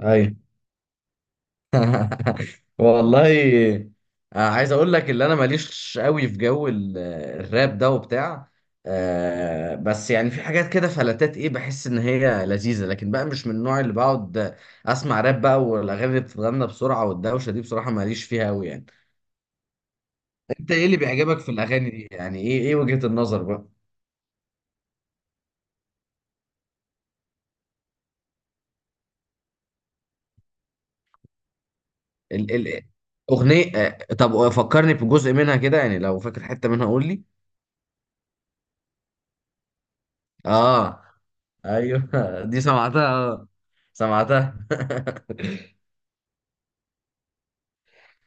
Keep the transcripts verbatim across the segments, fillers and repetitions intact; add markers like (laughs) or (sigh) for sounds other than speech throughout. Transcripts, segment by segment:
ايوه. (laughs) والله. آه، عايز اقول لك اللي انا ماليش قوي في جو ال- الراب ده وبتاع. آه، بس يعني في حاجات كده فلتات ايه، بحس ان هي لذيذه، لكن بقى مش من النوع اللي بقعد اسمع راب بقى. والاغاني اللي بتتغنى بسرعه والدوشه دي، بصراحه ماليش فيها قوي يعني. انت ايه اللي بيعجبك في الاغاني دي يعني؟ ايه ايه وجهه النظر بقى؟ ال ال اغنيه. آه، طب فكرني بجزء منها كده، يعني لو فاكر حته منها قول لي. اه ايوه. (laughs) دي سمعتها، سمعتها. (laughs)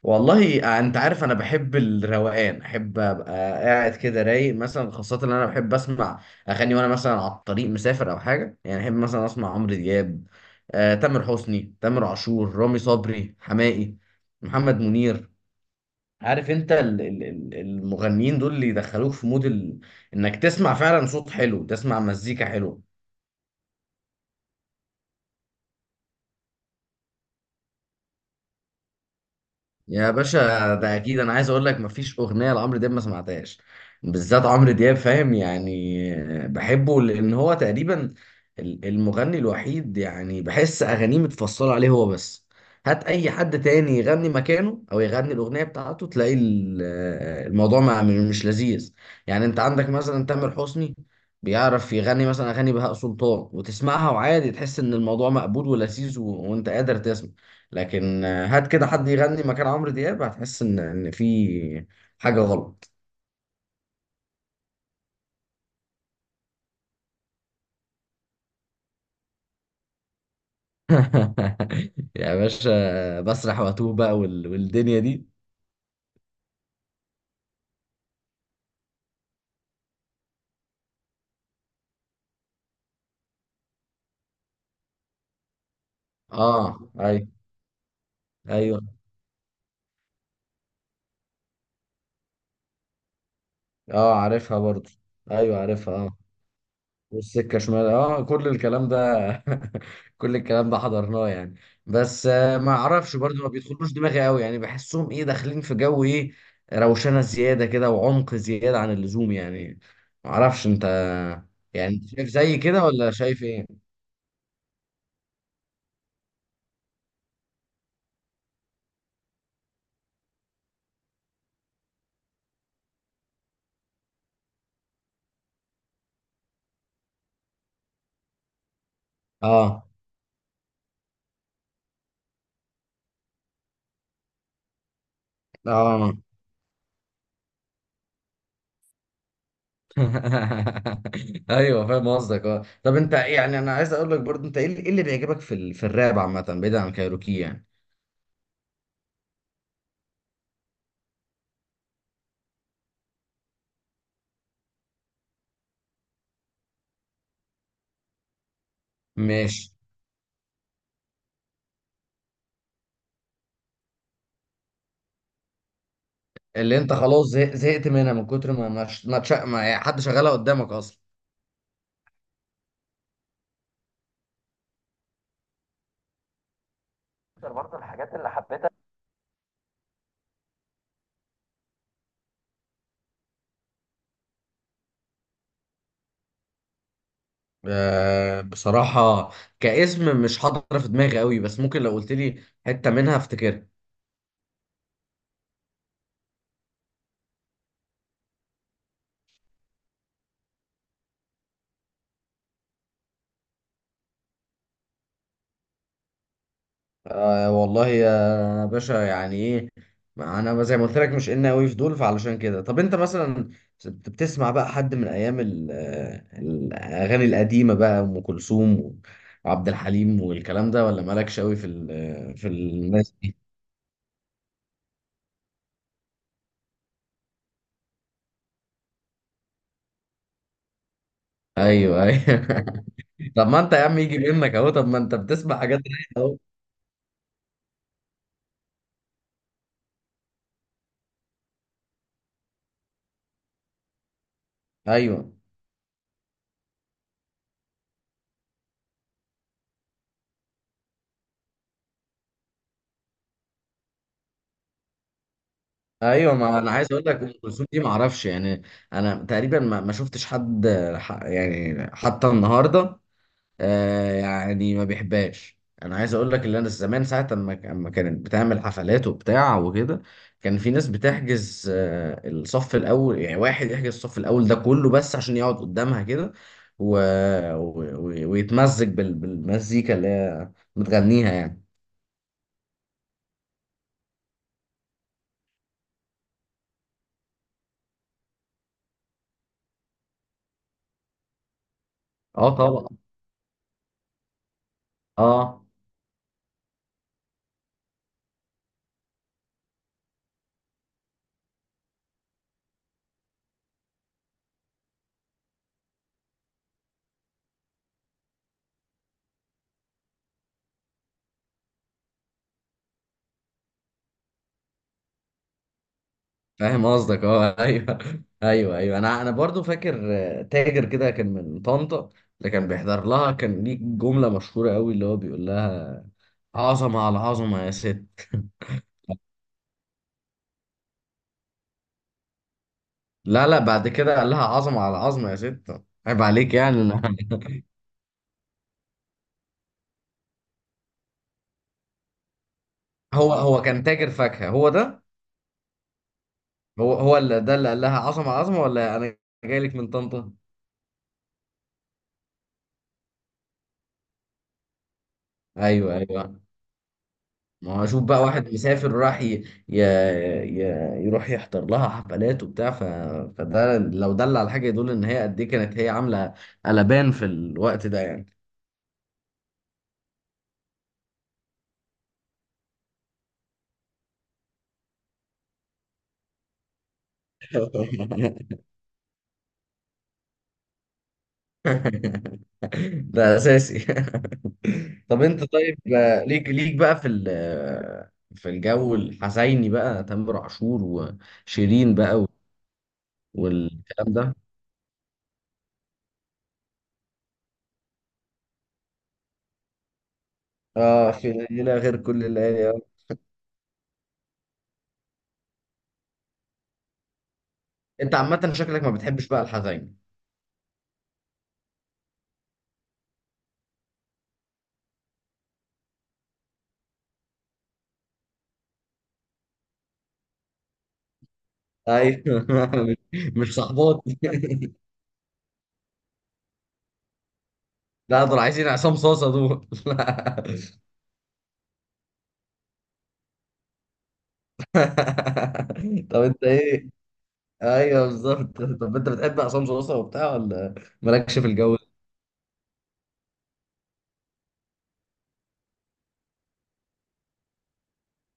والله انت عارف انا بحب الروقان، احب ابقى قاعد كده رايق مثلا. خاصه ان انا بحب اسمع اغاني وانا مثلا على الطريق مسافر او حاجه. يعني احب مثلا اسمع عمرو دياب، آه، تامر حسني، تامر عاشور، رامي صبري، حماقي، محمد منير. عارف انت ال- ال- ال- المغنيين دول اللي يدخلوك في مود ال... انك تسمع فعلا صوت حلو، تسمع مزيكا حلوه. يا باشا ده اكيد! انا عايز اقول لك مفيش اغنيه لعمرو دياب ما سمعتهاش، بالذات عمرو دياب فاهم. يعني بحبه لان هو تقريبا ال- المغني الوحيد، يعني بحس اغانيه متفصله عليه هو بس. هات اي حد تاني يغني مكانه، او يغني الاغنيه بتاعته، تلاقي ال- الموضوع ما مش لذيذ. يعني انت عندك مثلا تامر حسني بيعرف يغني مثلا اغاني بهاء سلطان، وتسمعها وعادي، تحس ان الموضوع مقبول ولذيذ و... وانت قادر تسمع. لكن آه، هات كده حد يغني مكان عمرو دياب، هتحس ان ان في حاجه غلط. (laughs) يا باشا بسرح واتوه بقى وال... والدنيا دي. اه ايوه. ايوه. اه عارفها برضه. ايوه عارفها اه. والسكة شمال، اه كل الكلام ده. (laughs) كل الكلام ده حضرناه يعني. بس آه، ما اعرفش برضه، ما بيدخلوش دماغي قوي. يعني بحسهم ايه، داخلين في جو ايه، روشنة زيادة كده، وعمق زيادة عن اللزوم يعني. ما اعرفش انت، يعني انت شايف زي كده ولا شايف ايه؟ اه اه. (laughs) ايوه فاهم قصدك اه. طب انت يعني، انا عايز اقول لك برضه انت ايه اللي إيه اللي بيعجبك في ال... في الراب عامة بعيد عن كايروكي يعني؟ ماشي. اللي انت خلاص زه- زهقت منها من كتر ما ما ما تش- ما يعني حد شغالها قدامك اصلا. اكتر برضه الحاجات اللي حبيتها. آه، بصراحة كاسم مش حاضر في دماغي قوي، بس ممكن لو قلت لي حتة منها افتكرها. آه والله يا باشا يعني ايه، ما انا زي ما قلت لك، مش ان قوي في دول، فعلشان كده. طب انت مثلا بت- بتسمع بقى حد من ايام ال- آه، الاغاني القديمة بقى، ام كلثوم وعبد الحليم والكلام ده، ولا مالكش قوي في ال- آه، في الناس؟ ايوه ايوه. (laughs) طب ما انت يا عم يجي منك اهو، طب ما انت بتسمع حاجات رايقه اهو. ايوه ايوه. ما انا عايز اقول لك ام كلثوم دي ما اعرفش يعني، انا تقريبا ما ما شفتش حد ح- يعني حتى النهارده آه يعني ما بيحبهاش. انا عايز اقول لك اللي انا زمان ساعه اما اما كانت بتعمل حفلات وبتاع وكده، كان في ناس بتحجز آه الصف الاول. يعني واحد يحجز الصف الاول ده كله بس عشان يقعد قدامها كده و... و... و- ويتمزج بال... بالمزيكا اللي هي متغنيها يعني. اه طبعا. اه فاهم قصدك اه. (laughs) ايوه ايوه. ايوه انا انا برضو فاكر آه، تاجر كده كان من طنطا، اللي كان بيحضر لها، كان ليه جمله مشهوره قوي اللي هو بيقول لها: عظمة على عظمة يا ست. لا لا، بعد كده قال لها عظمة على عظمة يا ست، عيب عليك. يعني أنا- هو هو كان تاجر فاكهة، هو ده. هو هو اللي ده اللي قال لها عظمة على عظمة، ولا أنا جاي لك من طنطا؟ أيوه أيوه. ما هو أشوف بقى واحد مسافر راح ي... ي... ي... يروح يحضر لها حفلات وبتاع، ف... فده لو دل على حاجة يدل إن هي قد إيه كانت هي عاملة قلبان في الوقت ده يعني. (laughs) (laughs) ده اساسي. (laughs) طب انت طيب، آه، ليك ليك بقى في ال- آه، في الجو الحزيني بقى، تامر عاشور وشيرين بقى و- والكلام ده. اه في ليلة غير كل الليالي، آه. انت عامة شكلك ما بتحبش بقى الحزين؟ ايوه. (laughs) مش مش صحباتي. (laughs) لا، دول عايزين عصام صاصة دول. (laughs) لا. (laughs) طب انت ايه. ايوه بالظبط. طب انت بتحب عصام صاصة وبتاع ولا مالكش في الجو؟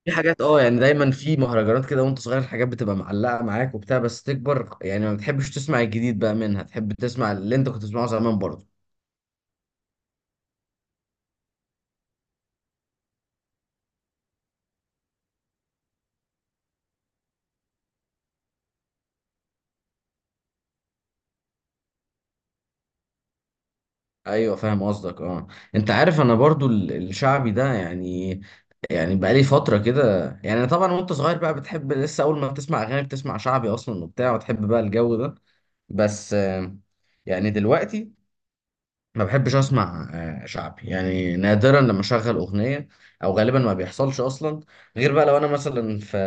في حاجات اه، يعني دايما في مهرجانات كده وانت صغير، الحاجات بتبقى معلقه معاك وبتاع، بس تكبر يعني ما بتحبش تسمع الجديد بقى منها، تحب تسمع اللي انت كنت بتسمعه زمان برضه. ايوه فاهم قصدك اه. انت عارف انا برضو ال- الشعبي ده يعني، يعني بقالي فتره كده يعني. طبعا وانت صغير بقى بتحب لسه اول ما بتسمع اغاني بتسمع شعبي اصلا وبتاع، وتحب بقى الجو ده. بس آه، يعني دلوقتي ما بحبش اسمع آه، شعبي، يعني نادرا لما اشغل اغنيه، او غالبا ما بيحصلش اصلا، غير بقى لو انا مثلا في،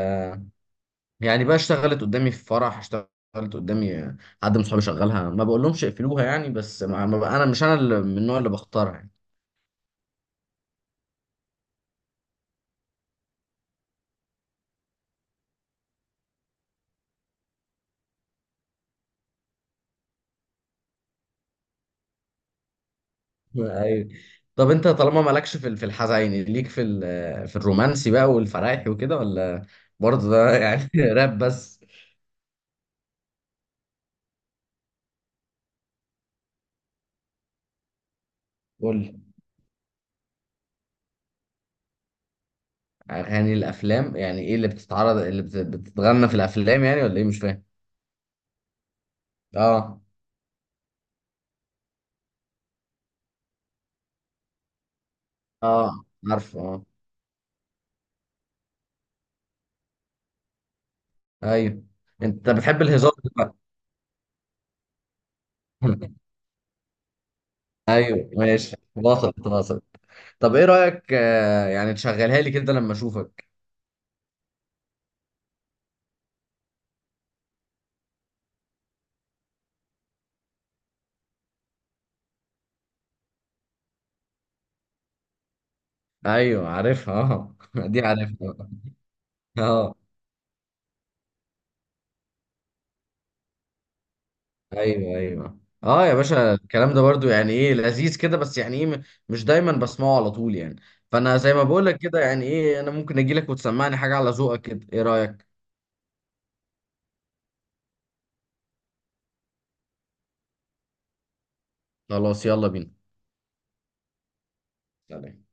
يعني بقى اشتغلت قدامي في فرح، اشتغلت قدامي آه، حد من صحابي شغلها، ما بقول لهمش اقفلوها يعني. بس ما ما بقى انا مش انا اللي من النوع اللي بختارها يعني. (laughs) أيوة. طب انت طالما مالكش في ال- في الحزيني، ليك في ال- آه، في الرومانسي بقى والفرايحي وكده، ولا برضه ده يعني (laughs) راب بس؟ قول لي، اغاني الافلام يعني ايه؟ اللي بتتعرض، اللي بت- بتتغنى في الافلام يعني ولا ايه؟ مش فاهم. اه اه عارفه اه. ايوه انت بتحب الهزار بقى. (laughs) ايوه ماشي، واصل واصل. طب ايه رايك آه يعني تشغلها لي كده لما اشوفك؟ ايوه عارفها اه. (laughs) دي عارفها. اه ايوه ايوه اه. يا باشا الكلام ده برضو يعني ايه لذيذ كده، بس يعني ايه م- مش دايما بسمعه على طول يعني. فانا زي ما بقول لك كده، يعني ايه انا ممكن اجي لك وتسمعني حاجه على ذوقك كده، ايه رايك؟ خلاص يلا بينا. سلام.